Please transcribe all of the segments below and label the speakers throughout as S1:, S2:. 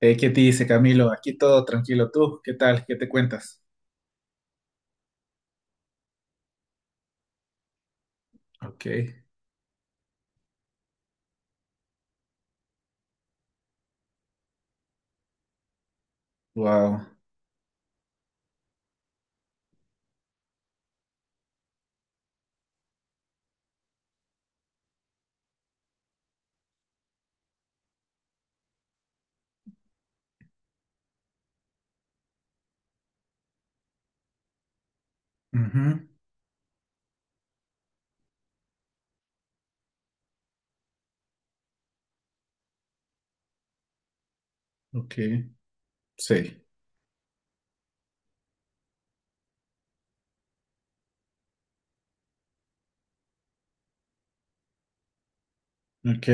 S1: ¿Qué dice Camilo? Aquí todo tranquilo. ¿Tú qué tal? ¿Qué te cuentas? Ok. Wow. Ujú. Ok. Sí. Ok.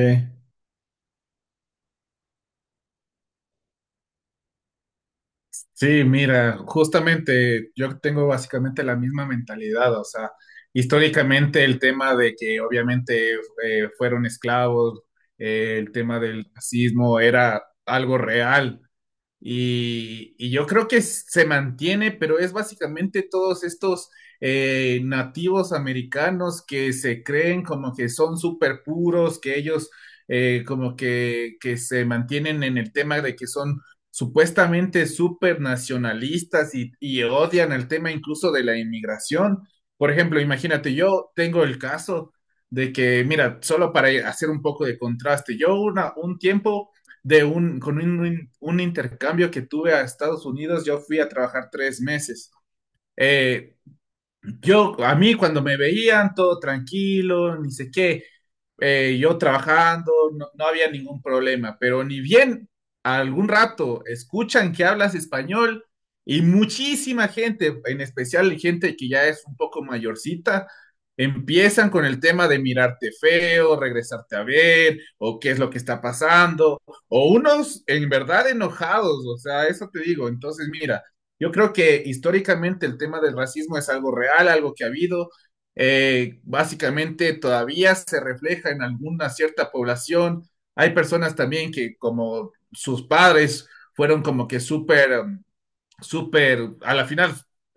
S1: Sí, mira, justamente yo tengo básicamente la misma mentalidad. O sea, históricamente el tema de que obviamente fueron esclavos, el tema del racismo era algo real. Y yo creo que se mantiene, pero es básicamente todos estos nativos americanos que se creen como que son súper puros, que ellos como que se mantienen en el tema de que son supuestamente súper nacionalistas y odian el tema incluso de la inmigración. Por ejemplo, imagínate, yo tengo el caso de que, mira, solo para hacer un poco de contraste, yo una, un tiempo de un, con un intercambio que tuve a Estados Unidos, yo fui a trabajar tres meses. Eh, a mí cuando me veían todo tranquilo, ni sé qué, yo trabajando, no había ningún problema, pero ni bien algún rato escuchan que hablas español y muchísima gente, en especial gente que ya es un poco mayorcita, empiezan con el tema de mirarte feo, regresarte a ver, o qué es lo que está pasando, o unos en verdad enojados, o sea, eso te digo. Entonces, mira, yo creo que históricamente el tema del racismo es algo real, algo que ha habido, básicamente todavía se refleja en alguna cierta población. Hay personas también que como sus padres fueron como que súper, súper, a la final,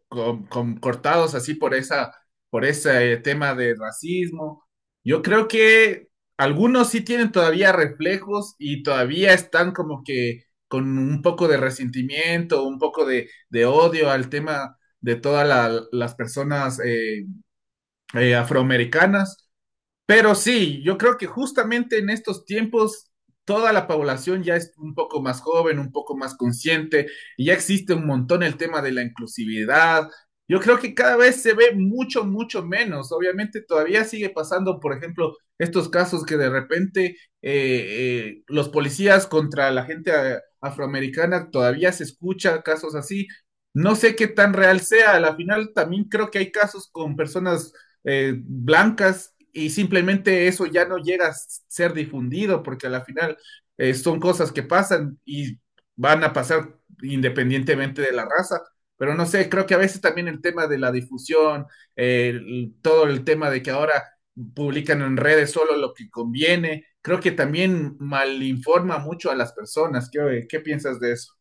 S1: cortados así por ese tema de racismo. Yo creo que algunos sí tienen todavía reflejos y todavía están como que con un poco de resentimiento, un poco de odio al tema de todas las personas, afroamericanas. Pero sí, yo creo que justamente en estos tiempos toda la población ya es un poco más joven, un poco más consciente, y ya existe un montón el tema de la inclusividad. Yo creo que cada vez se ve mucho, mucho menos. Obviamente todavía sigue pasando, por ejemplo, estos casos que de repente los policías contra la gente afroamericana todavía se escucha casos así. No sé qué tan real sea. Al final también creo que hay casos con personas blancas y simplemente eso ya no llega a ser difundido porque a la final son cosas que pasan y van a pasar independientemente de la raza. Pero no sé, creo que a veces también el tema de la difusión, todo el tema de que ahora publican en redes solo lo que conviene, creo que también malinforma mucho a las personas. ¿Qué piensas de eso?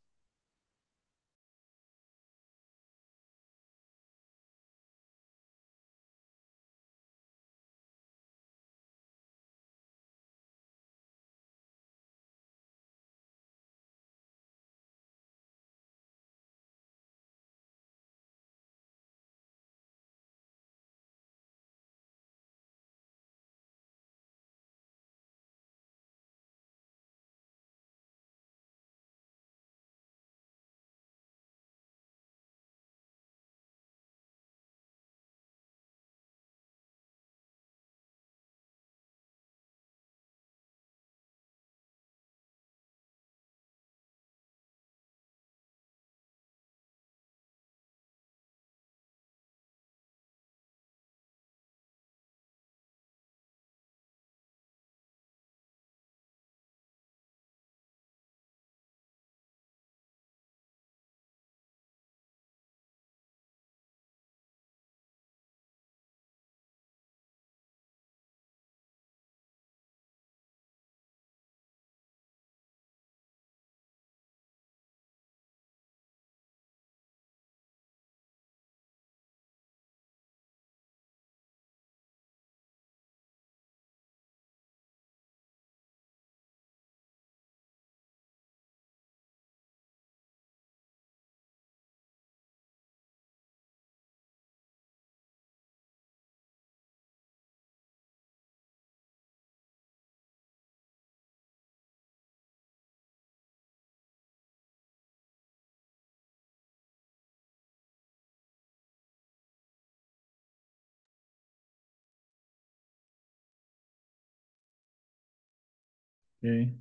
S1: Okay.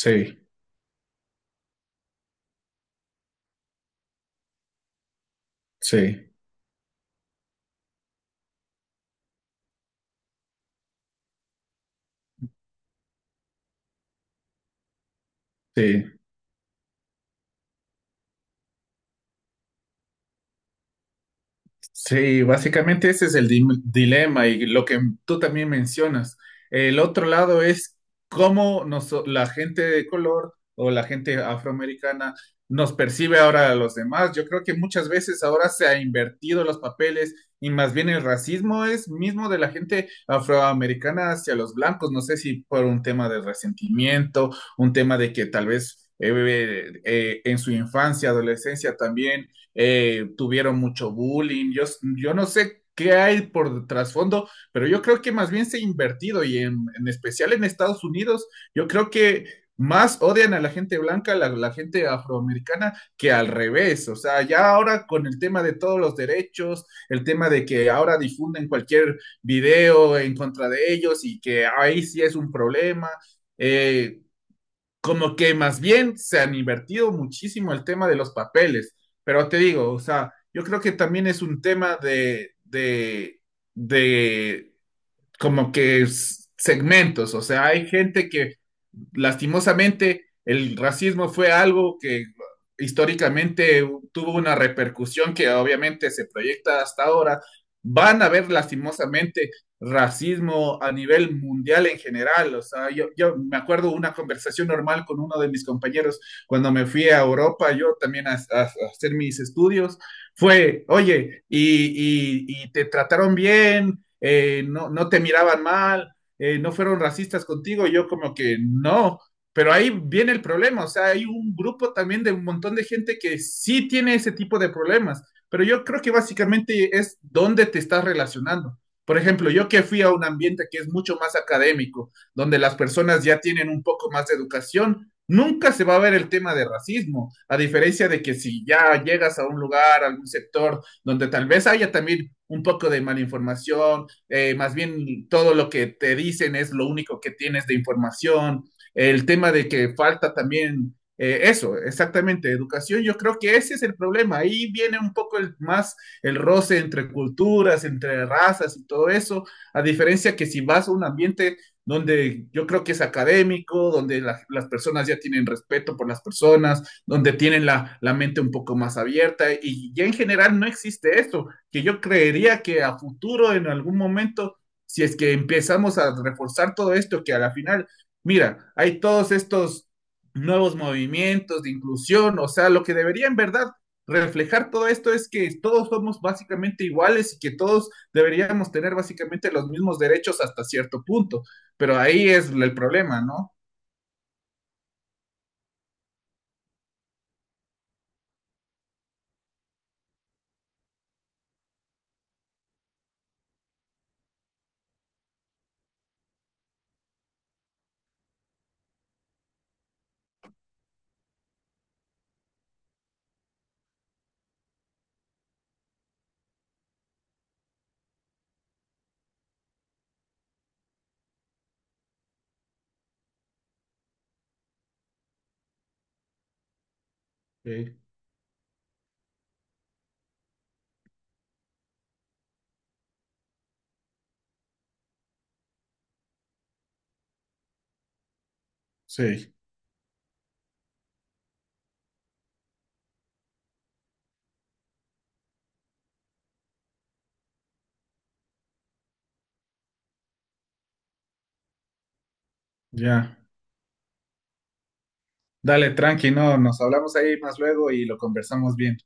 S1: Sí, sí, sí. Sí, básicamente ese es el dilema y lo que tú también mencionas. El otro lado es cómo nos, la gente de color o la gente afroamericana nos percibe ahora a los demás. Yo creo que muchas veces ahora se ha invertido los papeles y más bien el racismo es mismo de la gente afroamericana hacia los blancos. No sé si por un tema de resentimiento, un tema de que tal vez, en su infancia, adolescencia también tuvieron mucho bullying. Yo no sé qué hay por trasfondo, pero yo creo que más bien se ha invertido y en especial en Estados Unidos, yo creo que más odian a la gente blanca, a la gente afroamericana, que al revés. O sea, ya ahora con el tema de todos los derechos, el tema de que ahora difunden cualquier video en contra de ellos y que ahí sí es un problema. Eh, Como que más bien se han invertido muchísimo el tema de los papeles, pero te digo, o sea, yo creo que también es un tema de como que segmentos, o sea, hay gente que lastimosamente el racismo fue algo que históricamente tuvo una repercusión que obviamente se proyecta hasta ahora. Van a haber lastimosamente racismo a nivel mundial en general, o sea, yo me acuerdo una conversación normal con uno de mis compañeros cuando me fui a Europa, yo también a hacer mis estudios, fue, oye, y te trataron bien, no, no te miraban mal, no fueron racistas contigo, yo como que no, pero ahí viene el problema, o sea, hay un grupo también de un montón de gente que sí tiene ese tipo de problemas, pero yo creo que básicamente es dónde te estás relacionando. Por ejemplo, yo que fui a un ambiente que es mucho más académico, donde las personas ya tienen un poco más de educación, nunca se va a ver el tema de racismo, a diferencia de que si ya llegas a un lugar, a algún sector, donde tal vez haya también un poco de malinformación, más bien todo lo que te dicen es lo único que tienes de información, el tema de que falta también eso, exactamente, educación, yo creo que ese es el problema, ahí viene un poco más el roce entre culturas, entre razas y todo eso, a diferencia que si vas a un ambiente donde yo creo que es académico, donde la, las personas ya tienen respeto por las personas, donde tienen la mente un poco más abierta y ya en general no existe esto que yo creería que a futuro, en algún momento, si es que empezamos a reforzar todo esto, que a la final, mira, hay todos estos nuevos movimientos de inclusión, o sea, lo que debería en verdad reflejar todo esto es que todos somos básicamente iguales y que todos deberíamos tener básicamente los mismos derechos hasta cierto punto, pero ahí es el problema, ¿no? Sí, sí, ya. Dale, tranqui, no, nos hablamos ahí más luego y lo conversamos bien.